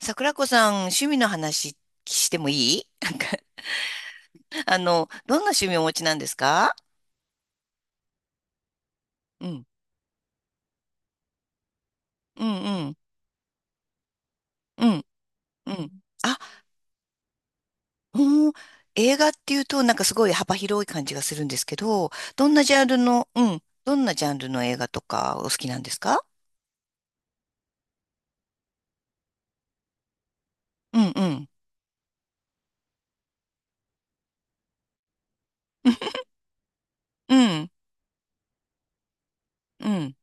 桜子さん、趣味の話してもいい。 どんな趣味をお持ちなんですか？うん、うん、うん、うん、うん。あ、うん、映画っていうと、なんかすごい幅広い感じがするんですけど、どんなジャンルの、うん、どんなジャンルの映画とかお好きなんですか？うん、うん、うん、うん。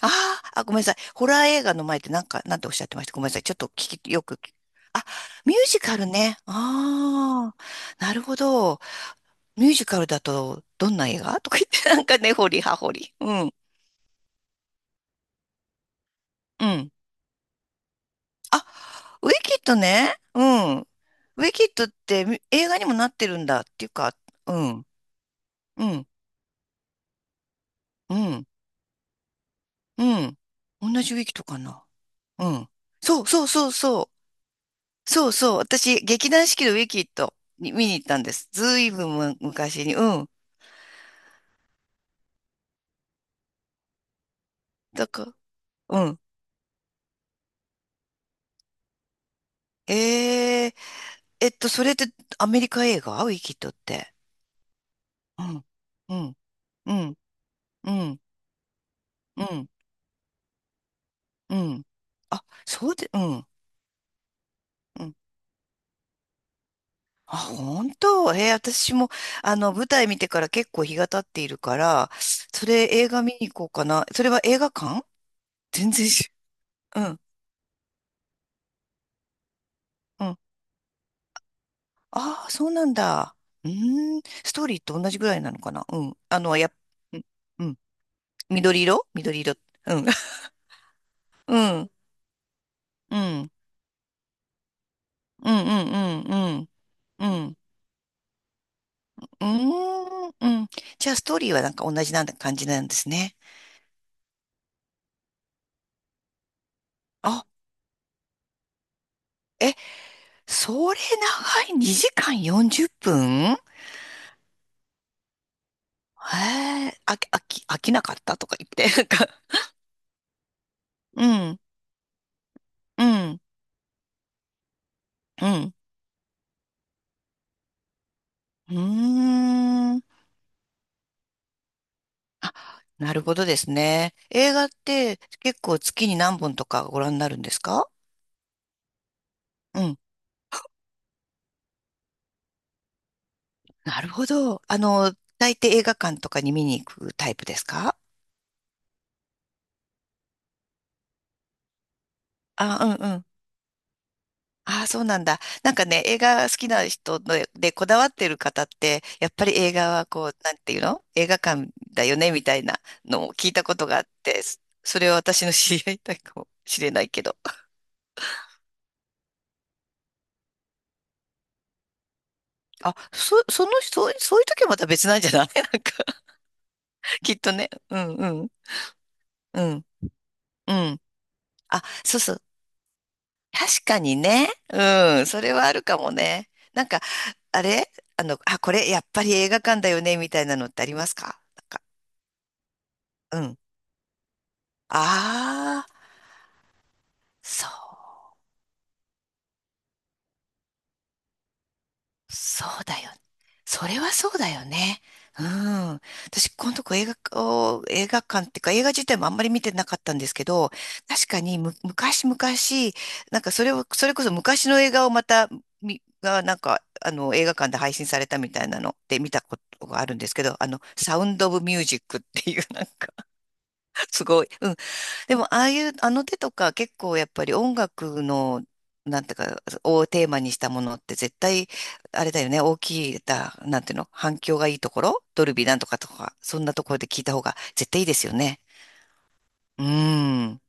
あーあ、ごめんなさい。ホラー映画の前ってなんか、なんておっしゃってましたごめんなさい。ちょっと聞き、よく聞き、あ、ミュージカルね。ああ、なるほど。ミュージカルだと、どんな映画とか言って、なんかね、掘り葉掘り。うん。うん。あ、ウィキッドね。うん。ウィキッドってみ映画にもなってるんだっていうか、うん。うん。うん。うん。同じウィキッドかな。うん。そうそうそうそう。そうそう。私、劇団四季のウィキッドに見に行ったんです。ずいぶんむ昔に。うん。だから、うん。えー、それってアメリカ映画ウィキッドって。うん。うん。うん。うん。うん。うん。あ、そうで、うん。うん。あ、本当。へ私も、あの、舞台見てから結構日が経っているから、それ映画見に行こうかな。それは映画館？ 全然し、うん、うん。ああ、そうなんだ。うーん。ストーリーと同じぐらいなのかな。うん。うん。うん緑色緑色。うん。うん。うん。うん。うん。うん。うん。うん。うーんうん。じゃあ、ストーリーはなんか同じなんだ感じなんですね。あ、え、それ長い、2時間40分へ。え、飽きなかったとか言って、なんか、うん、うん、うん、うーん。あ、なるほどですね。映画って結構月に何本とかご覧になるんですか？うん、なるほど。あの、大抵映画館とかに見に行くタイプですか？あ、ああ、そうなんだ。なんかね、映画好きな人のでこだわってる方って、やっぱり映画はこう、なんていうの映画館だよねみたいなのを聞いたことがあって、それは私の知り合いだかもしれないけど。あ、そういう時はまた別なんじゃない。 なんか、きっとね。うんうん。うん。うん。あ、そうそう。確かにね。うん。それはあるかもね。なんか、あれあの、あ、これやっぱり映画館だよねみたいなのってありますか？なんか、うん。ああ、そそうだよ。それはそうだよね。うん。私、このとこ映画を、お映画館っていうか、映画自体もあんまり見てなかったんですけど、確かにむ、昔々、なんかそれを、それこそ昔の映画をまた、なんか、あの、映画館で配信されたみたいなのって見たことがあるんですけど、あの、サウンド・オブ・ミュージックっていう、なんか、すごい、うでも、ああいう、あの手とか結構やっぱり音楽の、なんていうか、をテーマにしたものって絶対、あれだよね、大きい、だ、なんていうの、反響がいいところ、ドルビーなんとかとか、そんなところで聞いた方が絶対いいですよね。うーん、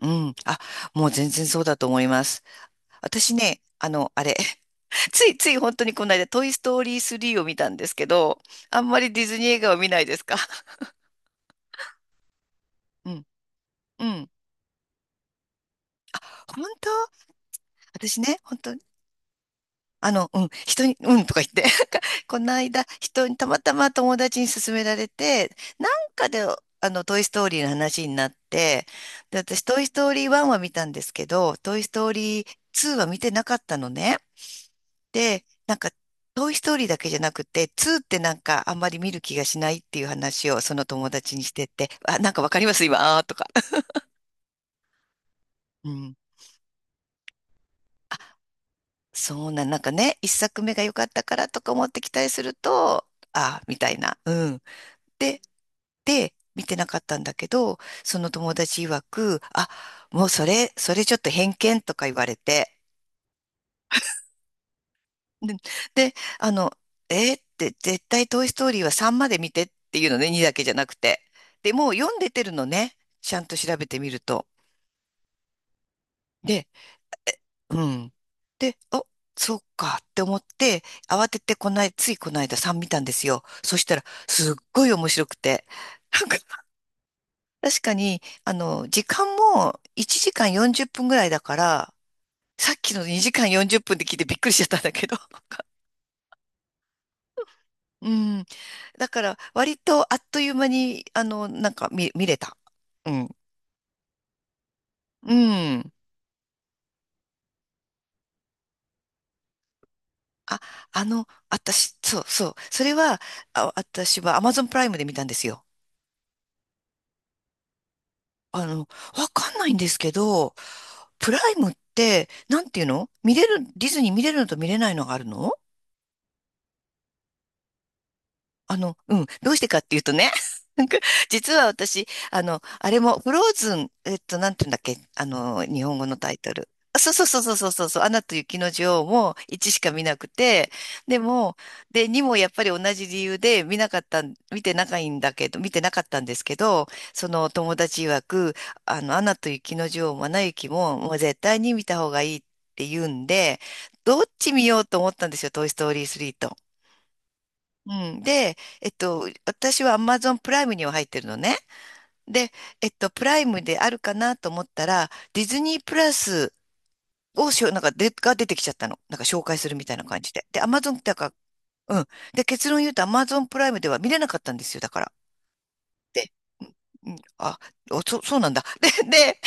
うん。あ、もう全然そうだと思います。私ね、あの、あれ、ついつい本当にこの間、トイ・ストーリー3を見たんですけど、あんまりディズニー映画を見ないですか？ うん、うん。本当。私ね、本当に、あの、うん、人に、うんとか言って。この間、人に、たまたま友達に勧められて、なんかで、あの、トイ・ストーリーの話になって、で、私、トイ・ストーリー1は見たんですけど、トイ・ストーリー2は見てなかったのね。で、なんか、トイ・ストーリーだけじゃなくて、2ってなんか、あんまり見る気がしないっていう話を、その友達にしてて、あ、なんかわかります今、あーとか。うん。そうなん、なんかね、一作目が良かったからとか思って期待すると、あーみたいな。うん。で、で、見てなかったんだけど、その友達曰く、あ、もうそれ、それちょっと偏見とか言われて、で、であの、えーって絶対トイストーリーは3まで見てっていうのね、2だけじゃなくて。で、もう読んでてるのね、ちゃんと調べてみると。で、うん。で、そうかって思って、慌ててこない、ついこの間3見たんですよ。そしたら、すっごい面白くて、なんか確かに、あの、時間も1時間40分ぐらいだから、さっきの2時間40分で聞いてびっくりしちゃったんだけど。うん。だから、割とあっという間に、あの、なんか見れた。うん。うん。あ、あの、私、そうそう。それは、あ、私は Amazon プライムで見たんですよ。あの、わかんないんですけど、プライムって、なんていうの見れる、ディズニー見れるのと見れないのがあるの？あの、うん、どうしてかっていうとね、なんか、実は私、あの、あれも、フローズン、なんていうんだっけ、あの、日本語のタイトル。あ、そうそうそうそうそうそうそう、アナと雪の女王も1しか見なくて、でも、で、2もやっぱり同じ理由で見なかったん、見てないんだけど、見てなかったんですけど、その友達曰く、あの、アナと雪の女王もアナ雪も、もう絶対に見た方がいいって言うんで、どっち見ようと思ったんですよ、トイ・ストーリー3と。うん。で、私は Amazon プライムには入ってるのね。で、プライムであるかなと思ったら、ディズニープラスをしょ、なんかで、が出てきちゃったの。なんか紹介するみたいな感じで。で、Amazon だから、うん。で、結論言うと Amazon プライムでは見れなかったんですよ、だから。で、うん、うんあ、そうなんだ。で、で、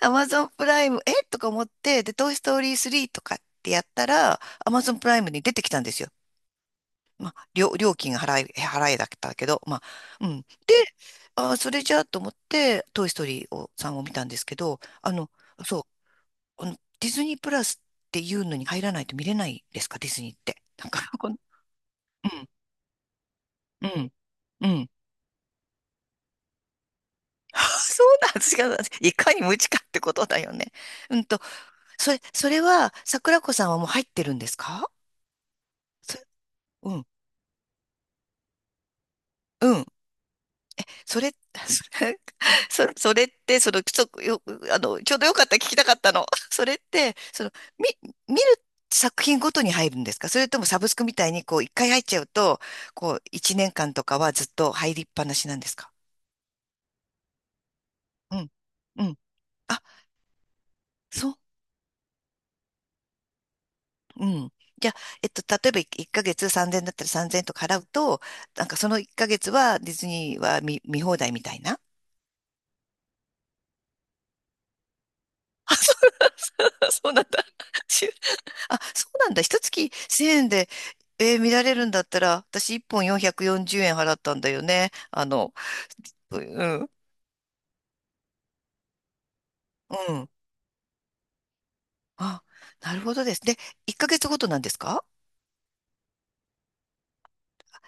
Amazon プライム、えとか思って、で、トイ・ストーリー3とかってやったら、Amazon プライムに出てきたんですよ。まあ、料金が払いだったけど、まあ、うん。で、あー、それじゃあと思って、トイ・ストーリーを、さんを見たんですけど、あの、そう、あの、ディズニープラスっていうのに入らないと見れないですか、ディズニーって。なんか、この、うん、うん、うん。そうなんですよ。いかに無知かってことだよね。うんと、それは、桜子さんはもう入ってるんですか？そうん、うん、それ、それって、その、ちょっとよ、あの、ちょうどよかった聞きたかったの。それって、その、み、見る作品ごとに入るんですか？それともサブスクみたいに、こう、一回入っちゃうと、こう、一年間とかはずっと入りっぱなしなんですか？うん。うん。あ、そう。うん。じゃあ、例えば1ヶ月3000円だったら3000円とか払うと、なんかその1ヶ月はディズニーは見放題みたいな。あ、そうそうなんだ。あ、そうなんだ。一月1000円で、えー見られるんだったら、私1本440円払ったんだよね。あの、ううん、うん。あ、なるほどですね。で1ヶ月ごとなんですか？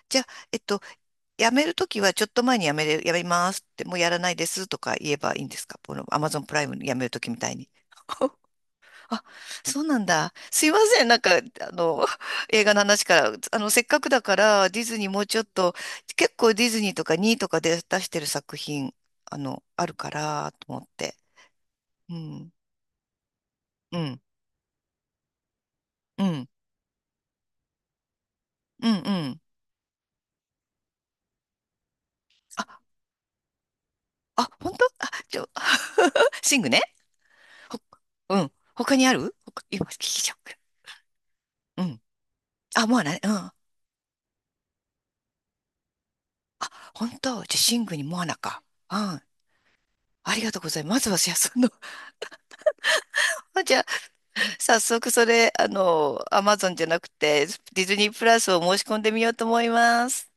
じゃあ、えっと、辞めるときはちょっと前に辞めれ、辞めますって、もうやらないですとか言えばいいんですか？この Amazon プライム辞めるときみたいに。あ、そうなんだ。すいません。なんか、あの、映画の話から、あの、せっかくだから、ディズニーもうちょっと、結構ディズニーとかにいとかで出してる作品、あの、あるから、と思って。うん、うん、うん、うん、うん。あ、あ、本当あ、シングね。ほ、うん。他にある他今、聞いちゃう。うん。あ、モアナね。うん。あ、本当じゃあ、シングにモアナか。うん。ありがとうございます。まずは、じゃあ、その、あじゃあ早速それ、あの、アマゾンじゃなくて、ディズニープラスを申し込んでみようと思います。